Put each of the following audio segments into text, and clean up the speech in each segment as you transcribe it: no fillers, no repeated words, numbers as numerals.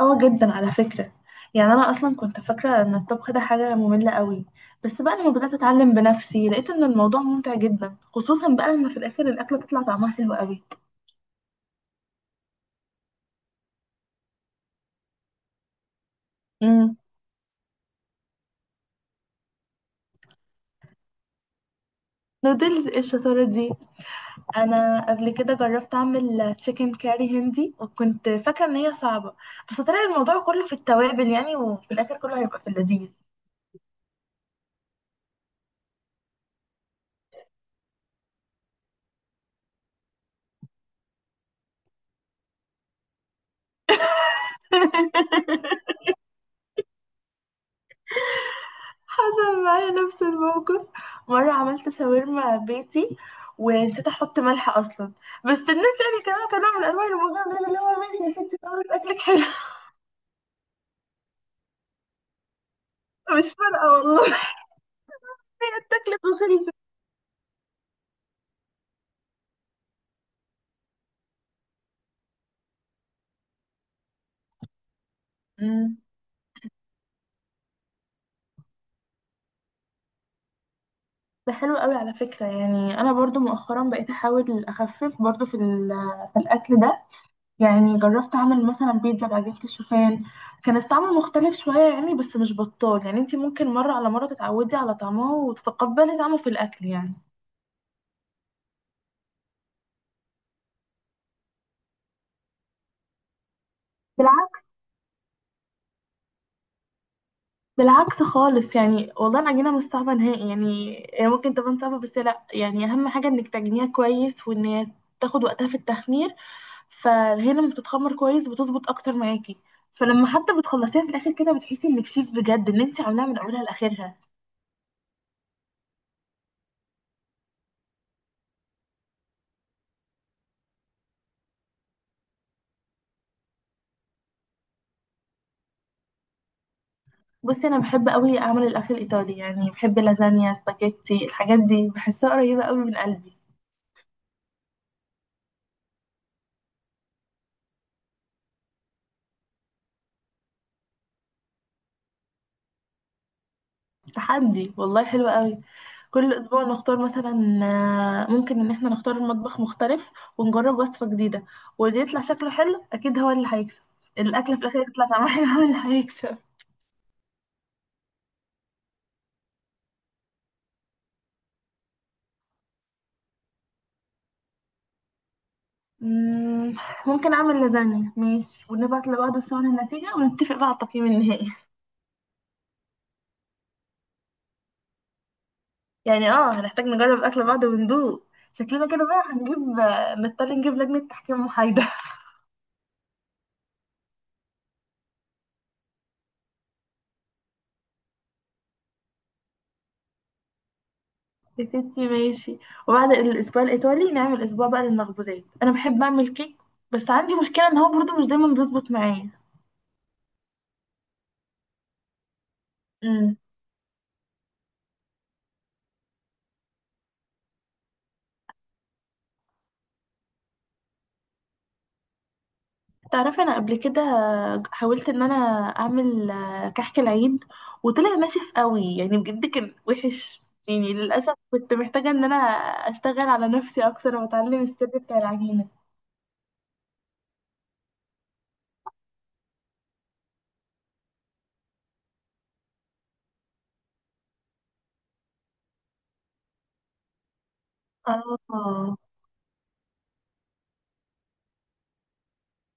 اه جدا على فكرة. يعني انا اصلا كنت فاكرة ان الطبخ ده حاجة مملة قوي. بس بقى لما بدأت اتعلم بنفسي لقيت ان الموضوع ممتع جدا، خصوصا بقى لما في الاخر الاكلة تطلع طعمها حلو قوي. امم. نودلز ايه الشطارة دي. انا قبل كده جربت اعمل تشيكن كاري هندي، وكنت فاكرة ان هي صعبة. بس طلع الموضوع كله في التوابل يعني، وفي الاخر كله هيبقى في اللذيذ. حصل معايا نفس الموقف. مرة عملت شاورما بيتي ونسيت احط ملح اصلا. بس الناس يعني كانوا من انواع المجامله، اللي هو ماشي يا ستي خلاص اكلك حلو. مش فارقه والله. كانت اكلت وخلصت. أمم. ده حلو قوي على فكرة. يعني أنا برضو مؤخرا بقيت أحاول أخفف برضو في الأكل ده. يعني جربت أعمل مثلا بيتزا بعجينة الشوفان. كان الطعم مختلف شوية يعني، بس مش بطال. يعني انتي ممكن مرة على مرة تتعودي على طعمه وتتقبلي طعمه في الأكل يعني. بالعكس خالص. يعني والله العجينة مش صعبة نهائي. يعني هي ممكن تبان صعبة، بس لا، يعني أهم حاجة إنك تعجنيها كويس، وإن هي تاخد وقتها في التخمير. فهي لما بتتخمر كويس بتظبط أكتر معاكي. فلما حتى بتخلصيها في الآخر كده بتحسي إنك شيف بجد، إن أنت عاملاها من أولها لآخرها. بصي، أنا بحب أوي أعمل الأكل الإيطالي. يعني بحب لازانيا، سباكيتي، الحاجات دي بحسها قريبة أوي من قلبي. تحدي والله حلو قوي. كل اسبوع نختار مثلا، ممكن ان احنا نختار مطبخ مختلف ونجرب وصفة جديدة. واللي يطلع شكله حلو اكيد هو اللي هيكسب. الاكلة في الاخر يطلع طعمها حلو هو اللي هيكسب. مم، ممكن اعمل لازانيا ماشي، ونبعت لبعض صور النتيجة، ونتفق بقى على التقييم النهائي. يعني هنحتاج نجرب اكل بعض وندوق. شكلنا كده بقى هنجيب آه، نضطر نجيب لجنة تحكيم محايدة. يا ستي ماشي. وبعد الاسبوع الايطالي نعمل اسبوع بقى للمخبوزات. انا بحب اعمل كيك، بس عندي مشكله ان هو برضو مش دايما بيظبط معايا. امم. تعرفي، انا قبل كده حاولت ان انا اعمل كحك العيد، وطلع ناشف قوي. يعني بجد كان وحش. يعني للاسف كنت محتاجه ان انا اشتغل على نفسي اكتر، واتعلم السر بتاع العجينه. اه،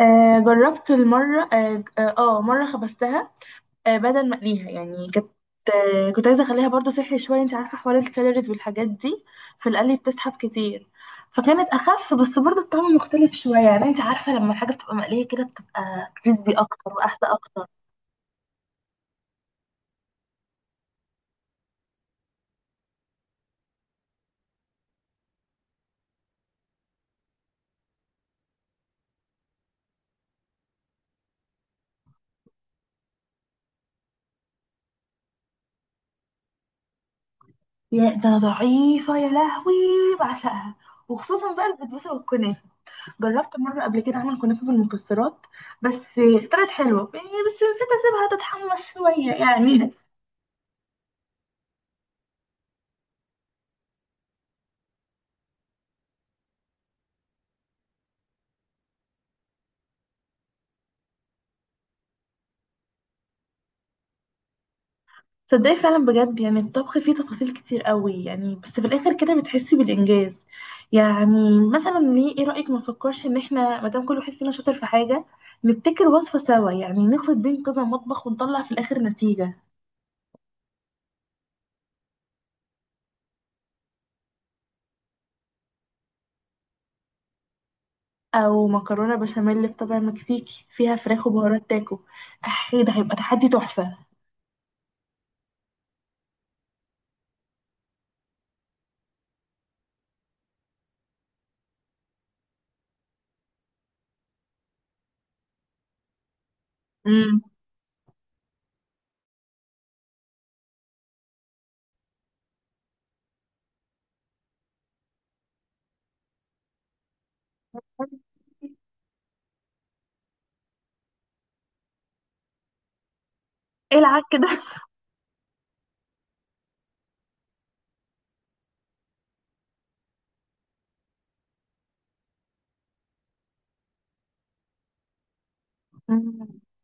جربت المره اه آه، آه، مرة خبزتها، بدل ما اقليها. يعني كنت عايزه اخليها برضو صحي شويه. انت عارفه حوار الكالوريز والحاجات دي. في القلي بتسحب كتير، فكانت اخف. بس برضو الطعم مختلف شويه. يعني انت عارفه، لما الحاجه بتبقى مقليه كده بتبقى كريسبي اكتر واحلى اكتر. يا ده، انا ضعيفه يا لهوي. بعشقها، وخصوصا بقى البسبوسه والكنافه. جربت مره قبل كده اعمل كنافه بالمكسرات. بس طلعت حلوه يعني، بس نسيت اسيبها تتحمص شويه يعني. تصدقي، فعلا بجد يعني الطبخ فيه تفاصيل كتير قوي، يعني بس في الاخر كده بتحسي بالانجاز. يعني مثلا، ليه، ايه رايك ما نفكرش ان احنا ما دام كل واحد فينا شاطر في حاجه نبتكر وصفه سوا؟ يعني نخلط بين كذا مطبخ ونطلع في الاخر نتيجه. او مكرونه بشاميل بطبع مكسيكي فيها فراخ وبهارات تاكو. احي، ده هيبقى تحدي تحفه. امم. ايه العك ده؟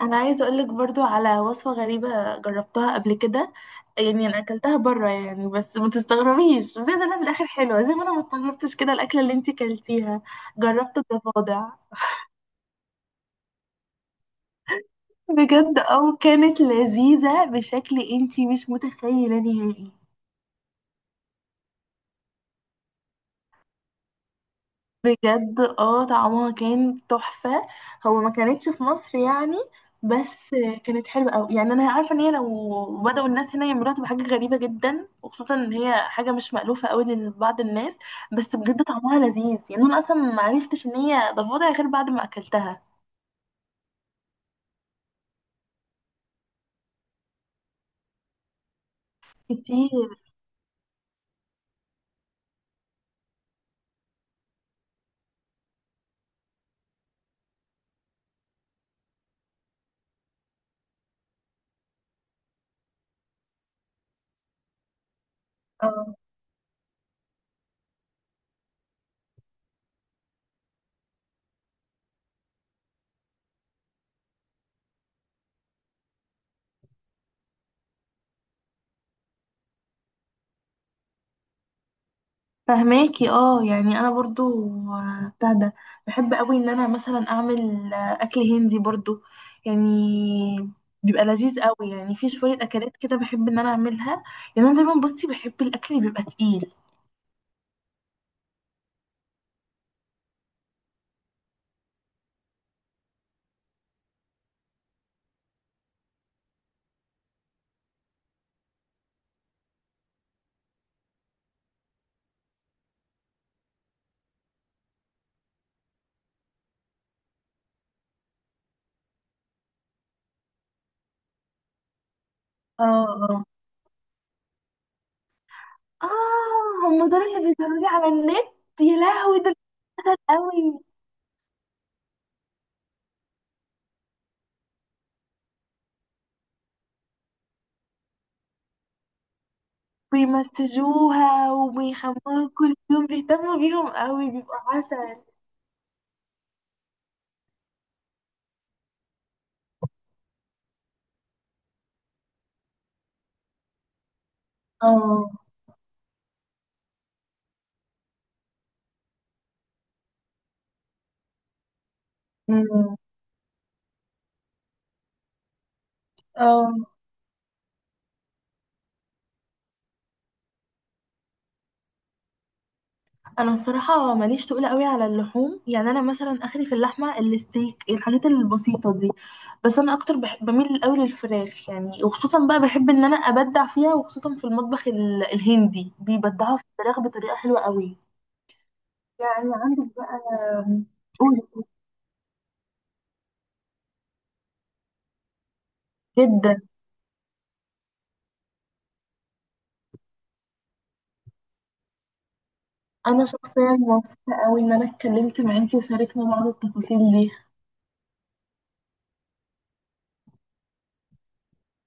انا عايزه اقولك برضو على وصفه غريبه جربتها قبل كده. يعني انا اكلتها بره يعني، بس ما تستغربيش، بس زي ما انا في الاخر حلوه، زي ما انا ما استغربتش كده الاكله اللي انتي كلتيها. جربت الضفادع. بجد اه، كانت لذيذه بشكل انتي مش متخيله نهائي. بجد اه، طعمها كان تحفة. هو ما كانتش في مصر يعني، بس كانت حلوة أوي. يعني أنا عارفة إن هي لو بدأوا الناس هنا يعملوها تبقى حاجة غريبة جدا، وخصوصا إن هي حاجة مش مألوفة أوي لبعض الناس. بس بجد طعمها لذيذ. يعني أنا أصلا ما عرفتش إن هي ضفادع غير بعد ما أكلتها. كتير. اه. فهماكي. اه. يعني انا برضو بتاع ده. بحب قوي ان انا مثلا اعمل آه، اكل هندي برضو. يعني بيبقى لذيذ قوي. يعني في شويه اكلات كده بحب ان انا اعملها. يعني انا دايما بصي بحب الاكل اللي بيبقى تقيل. اه. اه. اه، هم دول اللي بيظهروا لي على النت. يا لهوي دول قوي. بيمسجوها وبيحموها كل يوم، بيهتموا بيهم قوي، بيبقوا عسل. اه. أمم. اه. انا الصراحه ماليش تقول قوي على اللحوم. يعني انا مثلا اخري في اللحمه، الستيك، الحاجات البسيطه دي. بس انا اكتر بحب، بميل قوي للفراخ. يعني وخصوصا بقى بحب ان انا ابدع فيها، وخصوصا في المطبخ الهندي بيبدعوا في الفراخ بطريقه حلوه قوي. يعني عندك بقى. قولي. جدا. انا شخصيا مبسوطه قوي ان انا اتكلمت معاكي، وشاركنا بعض التفاصيل دي.